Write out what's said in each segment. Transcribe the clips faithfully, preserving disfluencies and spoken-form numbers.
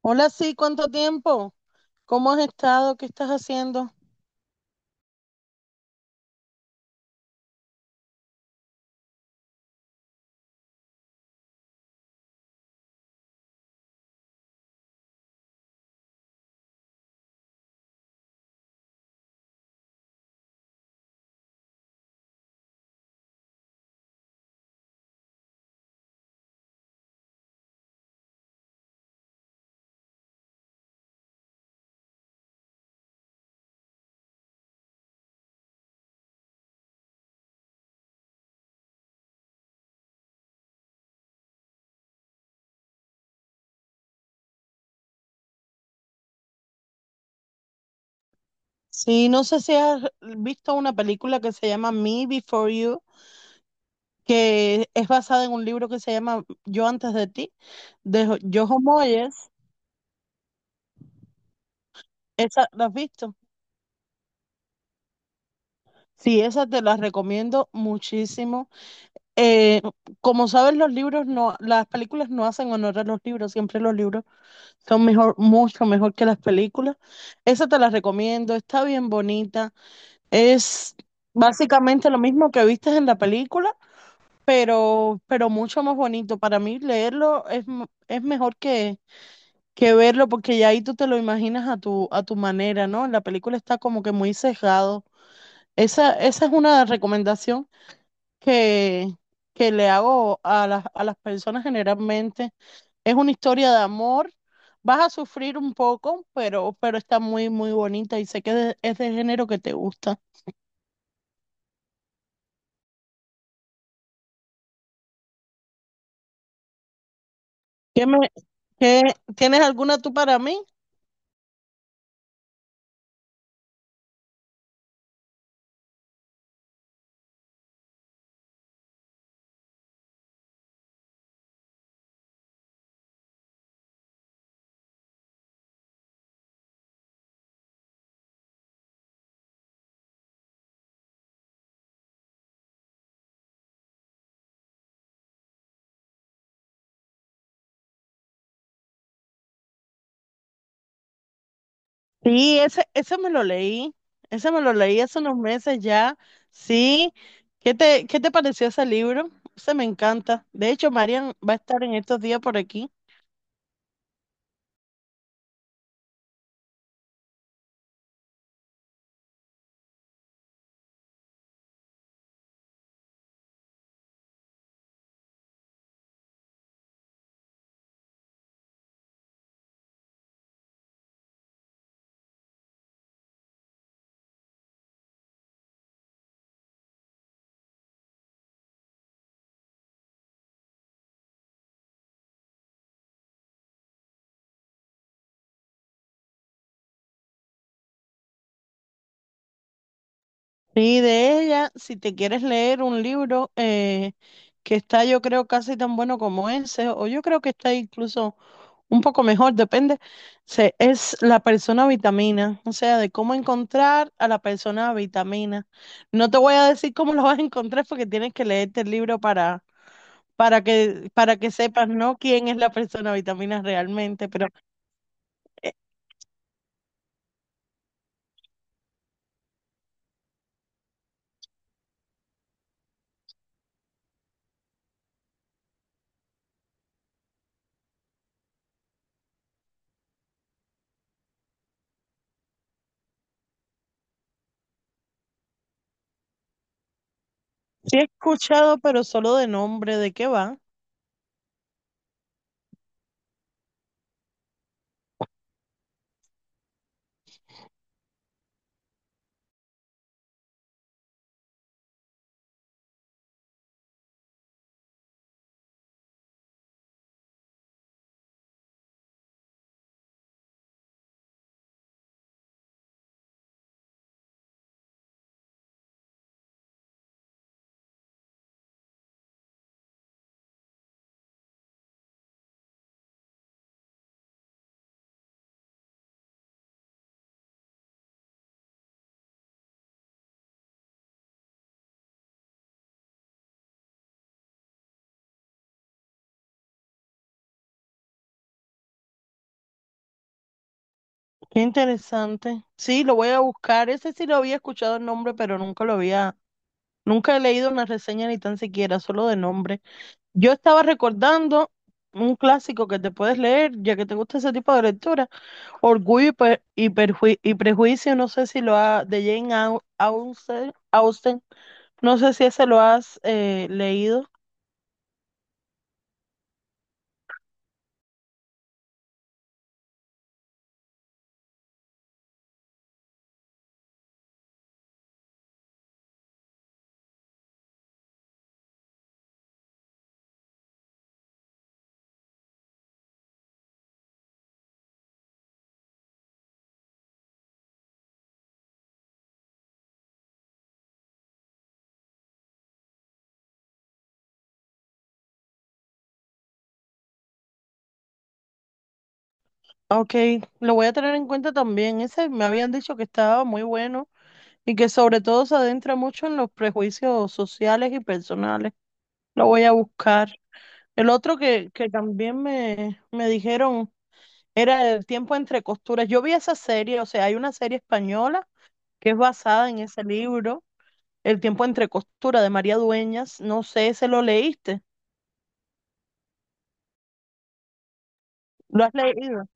Hola, sí, ¿cuánto tiempo? ¿Cómo has estado? ¿Qué estás haciendo? Sí, no sé si has visto una película que se llama Me Before You, que es basada en un libro que se llama Yo antes de ti, de Jo- Jojo Moyes. ¿Esa la has visto? Sí, esa te la recomiendo muchísimo. Eh, Como sabes, los libros no, las películas no hacen honor a los libros, siempre los libros son mejor, mucho mejor que las películas. Esa te la recomiendo, está bien bonita. Es básicamente lo mismo que viste en la película, pero, pero mucho más bonito. Para mí leerlo es, m- es mejor que, que verlo porque ya ahí tú te lo imaginas a tu, a tu manera, ¿no? En la película está como que muy sesgado. Esa, esa es una recomendación que, que le hago a las, a las personas generalmente. Es una historia de amor. Vas a sufrir un poco, pero, pero está muy, muy bonita y sé que de- es del género que te gusta. ¿Qué me, ¿Qué- ¿Tienes alguna tú para mí? Sí, ese, ese me lo leí. Ese me lo leí hace unos meses ya. Sí. ¿Qué te, qué te pareció ese libro? Ese me encanta. De hecho, Marian va a estar en estos días por aquí. Sí, de ella, si te quieres leer un libro eh, que está, yo creo, casi tan bueno como ese, o yo creo que está incluso un poco mejor, depende, se, es la persona vitamina, o sea, de cómo encontrar a la persona vitamina. No te voy a decir cómo lo vas a encontrar porque tienes que leerte el libro para, para que, para que sepas, ¿no? Quién es la persona vitamina realmente, pero eh, sí he escuchado, pero solo de nombre, ¿de qué va? Qué interesante. Sí, lo voy a buscar. Ese sí lo había escuchado el nombre, pero nunca lo había, nunca he leído una reseña ni tan siquiera, solo de nombre. Yo estaba recordando un clásico que te puedes leer, ya que te gusta ese tipo de lectura, Orgullo y, Pe- y Perjui- y Prejuicio, no sé si lo ha, de Jane Au- Austen, Austen, no sé si ese lo has eh, leído. Ok, lo voy a tener en cuenta también. Ese me habían dicho que estaba muy bueno y que sobre todo se adentra mucho en los prejuicios sociales y personales. Lo voy a buscar. El otro que, que también me, me dijeron era el tiempo entre costuras. Yo vi esa serie, o sea, hay una serie española que es basada en ese libro, El tiempo entre costuras de María Dueñas. No sé, ¿se lo leíste, lo has leído?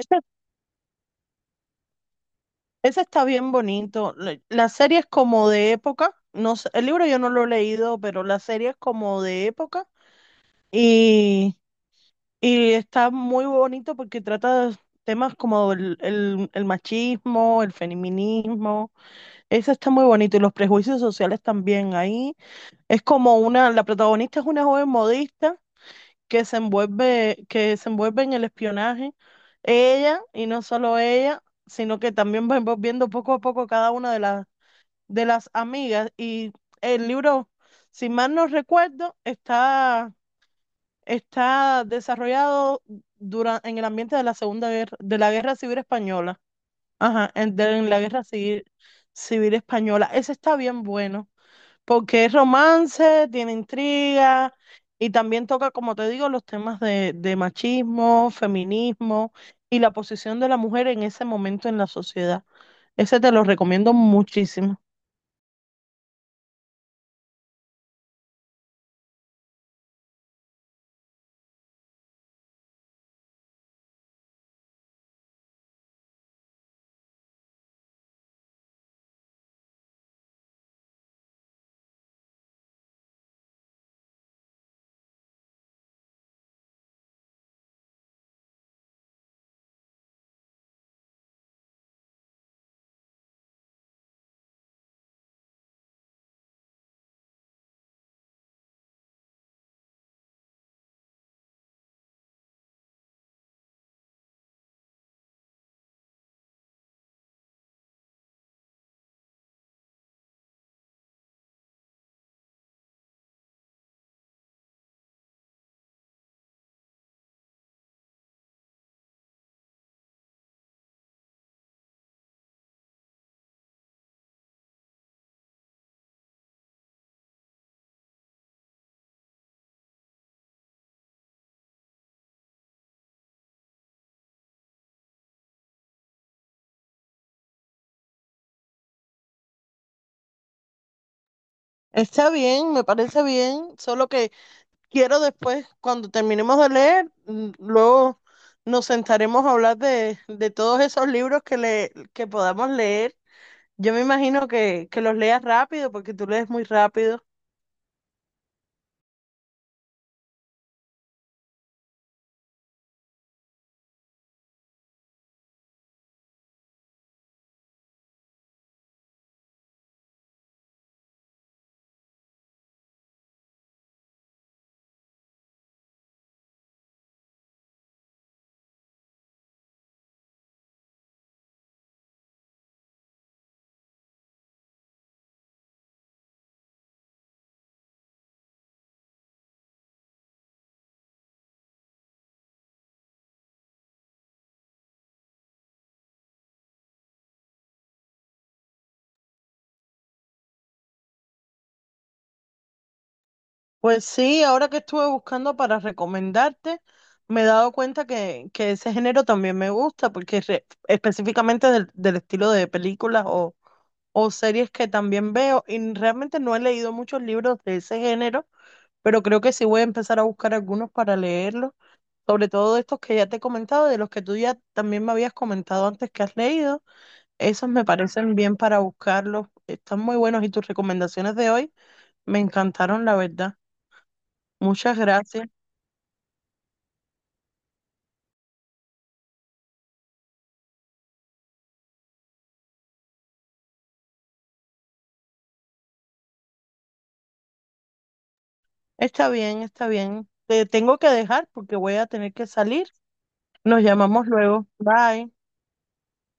Ese, ese está bien bonito. La, la serie es como de época. No sé, el libro yo no lo he leído, pero la serie es como de época y, y está muy bonito porque trata de temas como el, el el machismo, el feminismo. Eso está muy bonito y los prejuicios sociales también ahí. Es como una, la protagonista es una joven modista que se envuelve, que se envuelve en el espionaje. Ella, y no solo ella, sino que también va envolviendo poco a poco cada una de las, de las amigas. Y el libro, si mal no recuerdo, está, está desarrollado dura- en el ambiente de la Segunda Guerra, de la Guerra Civil Española. Ajá, en, de- en la Guerra Civil, Civil Española. Ese está bien bueno porque es romance, tiene intriga y también toca, como te digo, los temas de, de machismo, feminismo y la posición de la mujer en ese momento en la sociedad. Ese te lo recomiendo muchísimo. Está bien, me parece bien, solo que quiero después, cuando terminemos de leer, mm, luego nos sentaremos a hablar de, de todos esos libros que, le, que podamos leer. Yo me imagino que, que los leas rápido, porque tú lees muy rápido. Pues sí, ahora que estuve buscando para recomendarte, me he dado cuenta que, que ese género también me gusta, porque es re- específicamente del, del estilo de películas o, o series que también veo, y realmente no he leído muchos libros de ese género, pero creo que sí voy a empezar a buscar algunos para leerlos, sobre todo de estos que ya te he comentado, de los que tú ya también me habías comentado antes que has leído, esos me parecen bien para buscarlos, están muy buenos y tus recomendaciones de hoy me encantaron, la verdad. Muchas gracias. Está bien, está bien. Te tengo que dejar porque voy a tener que salir. Nos llamamos luego. Bye.